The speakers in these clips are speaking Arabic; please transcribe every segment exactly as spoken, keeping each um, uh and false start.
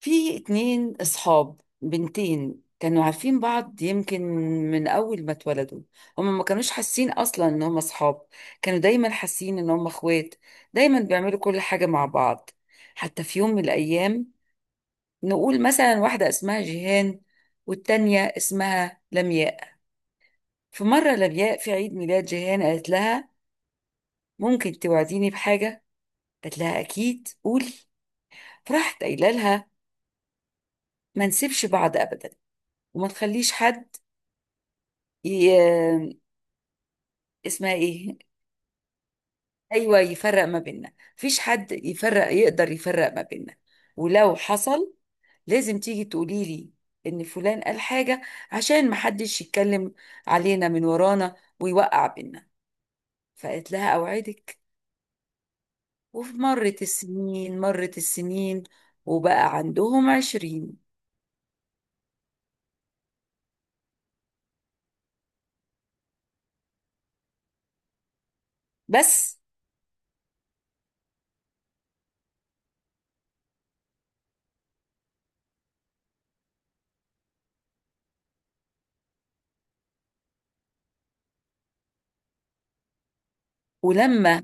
في اتنين اصحاب بنتين كانوا عارفين بعض يمكن من اول ما اتولدوا. هما ما كانوش حاسين اصلا ان هما اصحاب، كانوا دايما حاسين ان هما اخوات، دايما بيعملوا كل حاجة مع بعض. حتى في يوم من الايام، نقول مثلا واحدة اسمها جيهان والتانية اسمها لمياء. في مرة لمياء في عيد ميلاد جيهان قالت لها ممكن توعديني بحاجة؟ قالت لها اكيد قولي. فراحت قايله لها ما نسيبش بعض ابدا وما تخليش حد اسمها ايه. ايوه يفرق ما بيننا، مفيش حد يفرق يقدر يفرق ما بيننا. ولو حصل لازم تيجي تقولي لي ان فلان قال حاجه، عشان محدش يتكلم علينا من ورانا ويوقع بينا. فقالت لها اوعدك. ومرت السنين مرت السنين، وبقى عندهم عشرين. بس ولما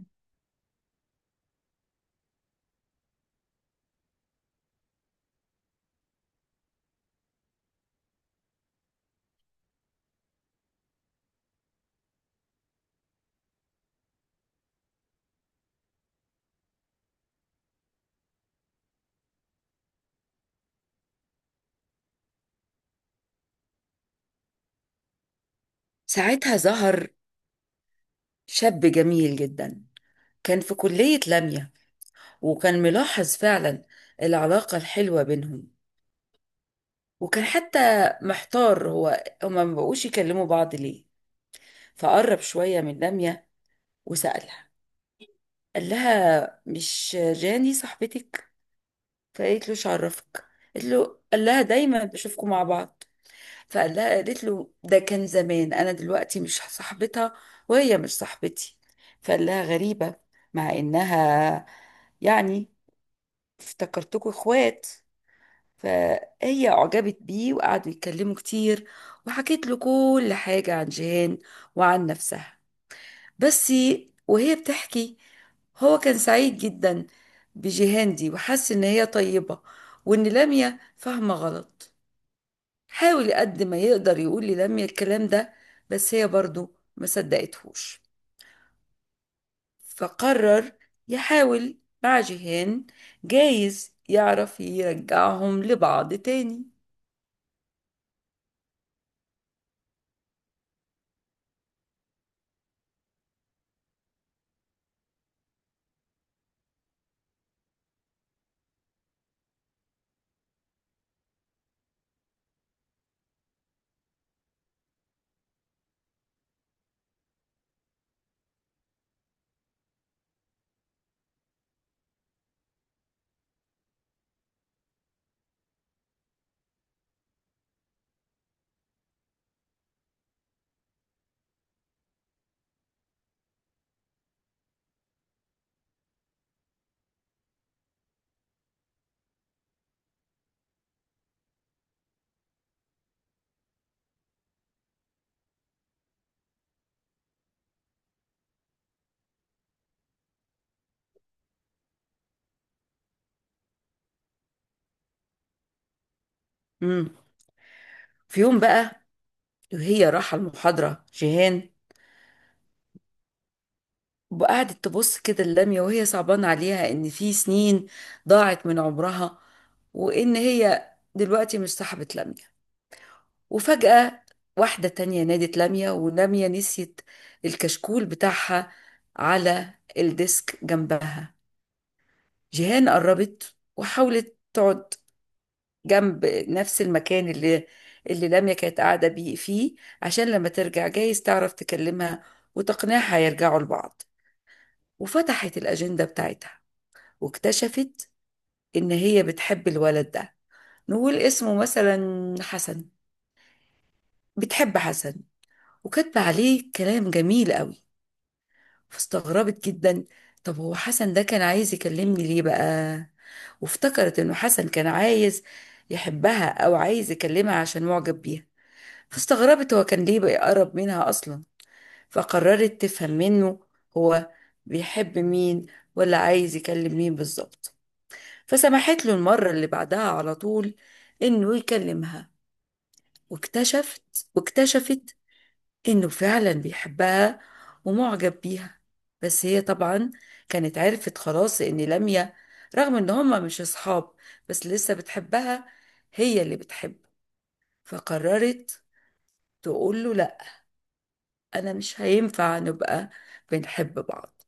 ساعتها ظهر شاب جميل جدا، كان في كلية لمية، وكان ملاحظ فعلا العلاقة الحلوة بينهم، وكان حتى محتار هو هما ما بقوش يكلموا بعض ليه. فقرب شوية من دامية وسألها، قال لها مش جاني صاحبتك؟ فقالت له "إيش عرفك؟" قالت له قال لها دايما بشوفكم مع بعض. فقال لها قالت له ده كان زمان، انا دلوقتي مش صاحبتها وهي مش صاحبتي. فقال لها غريبة، مع انها يعني افتكرتكم اخوات. فهي أعجبت بيه وقعدوا يتكلموا كتير، وحكيت له كل حاجة عن جيهان وعن نفسها. بس وهي بتحكي، هو كان سعيد جدا بجيهان دي وحس إن هي طيبة، وإن لميا فاهمة غلط. حاول قد ما يقدر يقول للميا الكلام ده، بس هي برضو ما صدقتهوش. فقرر يحاول مع جيهان، جايز يعرف يرجعهم لبعض تاني. مم. في يوم بقى وهي راحة المحاضرة جيهان، وقعدت تبص كده اللمية وهي صعبان عليها إن في سنين ضاعت من عمرها، وإن هي دلوقتي مش صاحبة لمية. وفجأة واحدة تانية نادت لمية، ولمية نسيت الكشكول بتاعها على الديسك جنبها. جيهان قربت وحاولت تقعد جنب نفس المكان اللي اللي لمية كانت قاعدة بيه فيه، عشان لما ترجع جايز تعرف تكلمها وتقنعها يرجعوا لبعض. وفتحت الأجندة بتاعتها واكتشفت إن هي بتحب الولد ده، نقول اسمه مثلا حسن. بتحب حسن وكاتبة عليه كلام جميل قوي. فاستغربت جدا، طب هو حسن ده كان عايز يكلمني ليه بقى؟ وافتكرت إنه حسن كان عايز يحبها أو عايز يكلمها عشان معجب بيها. فاستغربت هو كان ليه بيقرب منها أصلا. فقررت تفهم منه هو بيحب مين ولا عايز يكلم مين بالظبط. فسمحت له المرة اللي بعدها على طول إنه يكلمها، واكتشفت واكتشفت إنه فعلا بيحبها ومعجب بيها. بس هي طبعا كانت عرفت خلاص إن لميا، رغم إن هما مش أصحاب، بس لسه بتحبها هي اللي بتحب. فقررت تقول له لأ، أنا مش هينفع نبقى بنحب بعض.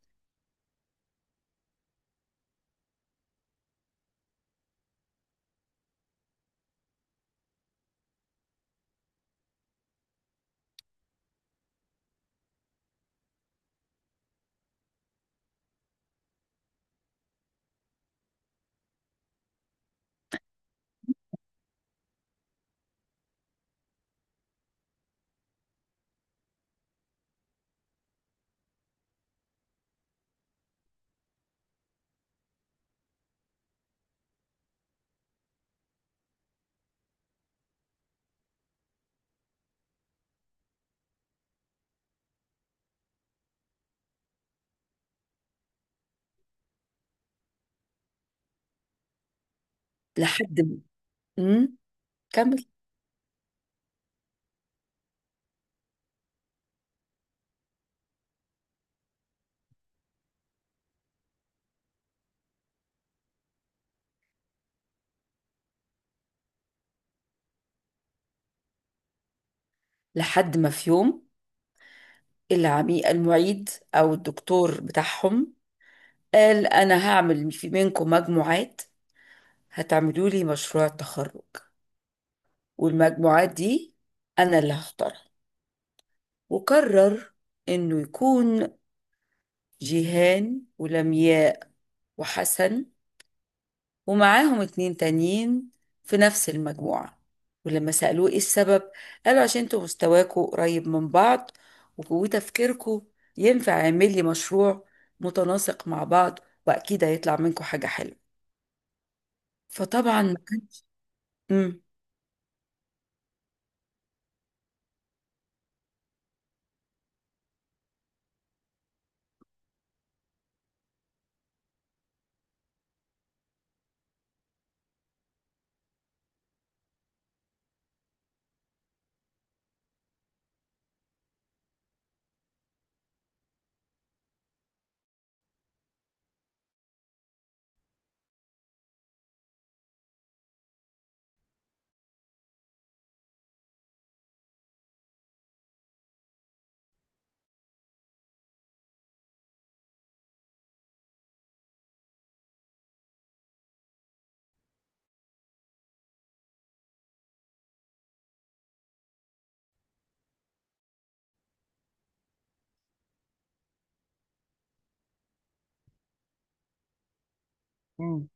لحد ما أمم، كمل. لحد ما في يوم العميق المعيد أو الدكتور بتاعهم قال انا هعمل في منكم مجموعات، هتعملوا لي مشروع تخرج، والمجموعات دي انا اللي هختارها. وقرر انه يكون جيهان ولمياء وحسن ومعاهم اتنين تانيين في نفس المجموعة. ولما سألوه ايه السبب، قالوا عشان انتوا مستواكوا قريب من بعض وتفكيركوا ينفع يعمل لي مشروع متناسق مع بعض، واكيد هيطلع منكم حاجة حلوة. فطبعا ما كانش. مم.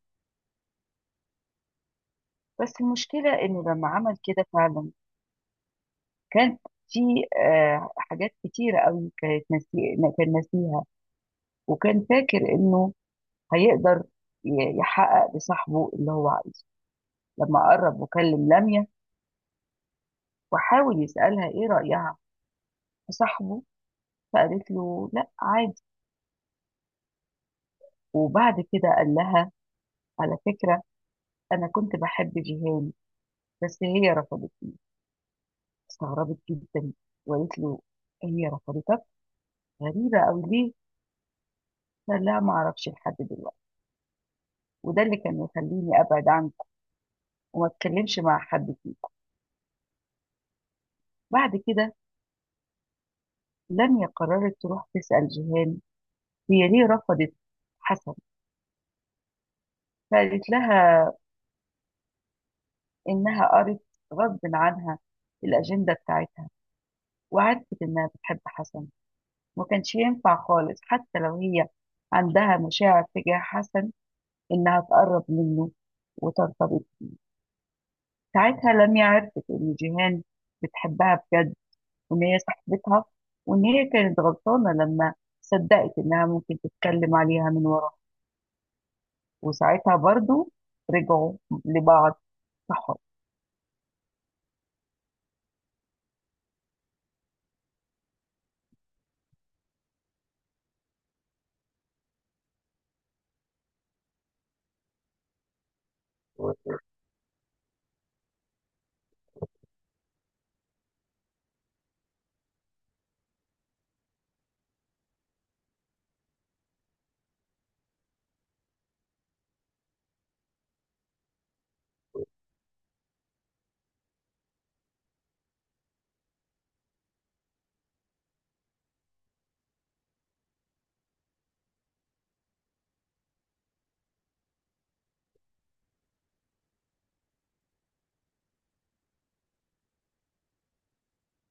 بس المشكلة إنه لما عمل كده فعلا، كان في آه، حاجات كتيرة قوي كانت ناسي... كان ناسيها، وكان فاكر إنه هيقدر ي- يحقق لصاحبه اللي هو عايزه. لما قرب وكلم لميا وحاول يسألها إيه رأيها في صاحبه، فقالت له لأ عادي. وبعد كده قال لها على فكرة أنا كنت بحب جيهان، بس هي رفضت. استغربت جدا وقالت له هي رفضتك؟ غريبة أوي ليه؟ قال لها معرفش لحد دلوقتي، وده اللي كان يخليني أبعد عنك وما أتكلمش مع حد فيه. بعد كده لميا قررت تروح تسأل جيهان هي ليه رفضت حسن. فقالت لها إنها قرت غصب عنها الأجندة بتاعتها، وعرفت إنها بتحب حسن، ما كانش ينفع خالص حتى لو هي عندها مشاعر تجاه حسن إنها تقرب منه وترتبط. ساعتها لميا عرفت إن جيهان بتحبها بجد وان هي صاحبتها، وان هي كانت غلطانه لما صدقت انها ممكن تتكلم عليها من ورا. وساعتها برضو رجعوا لبعض صحاب.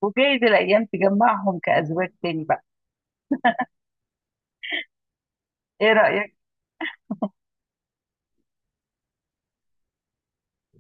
وجايز الايام تجمعهم كازواج تاني بقى. ايه رايك؟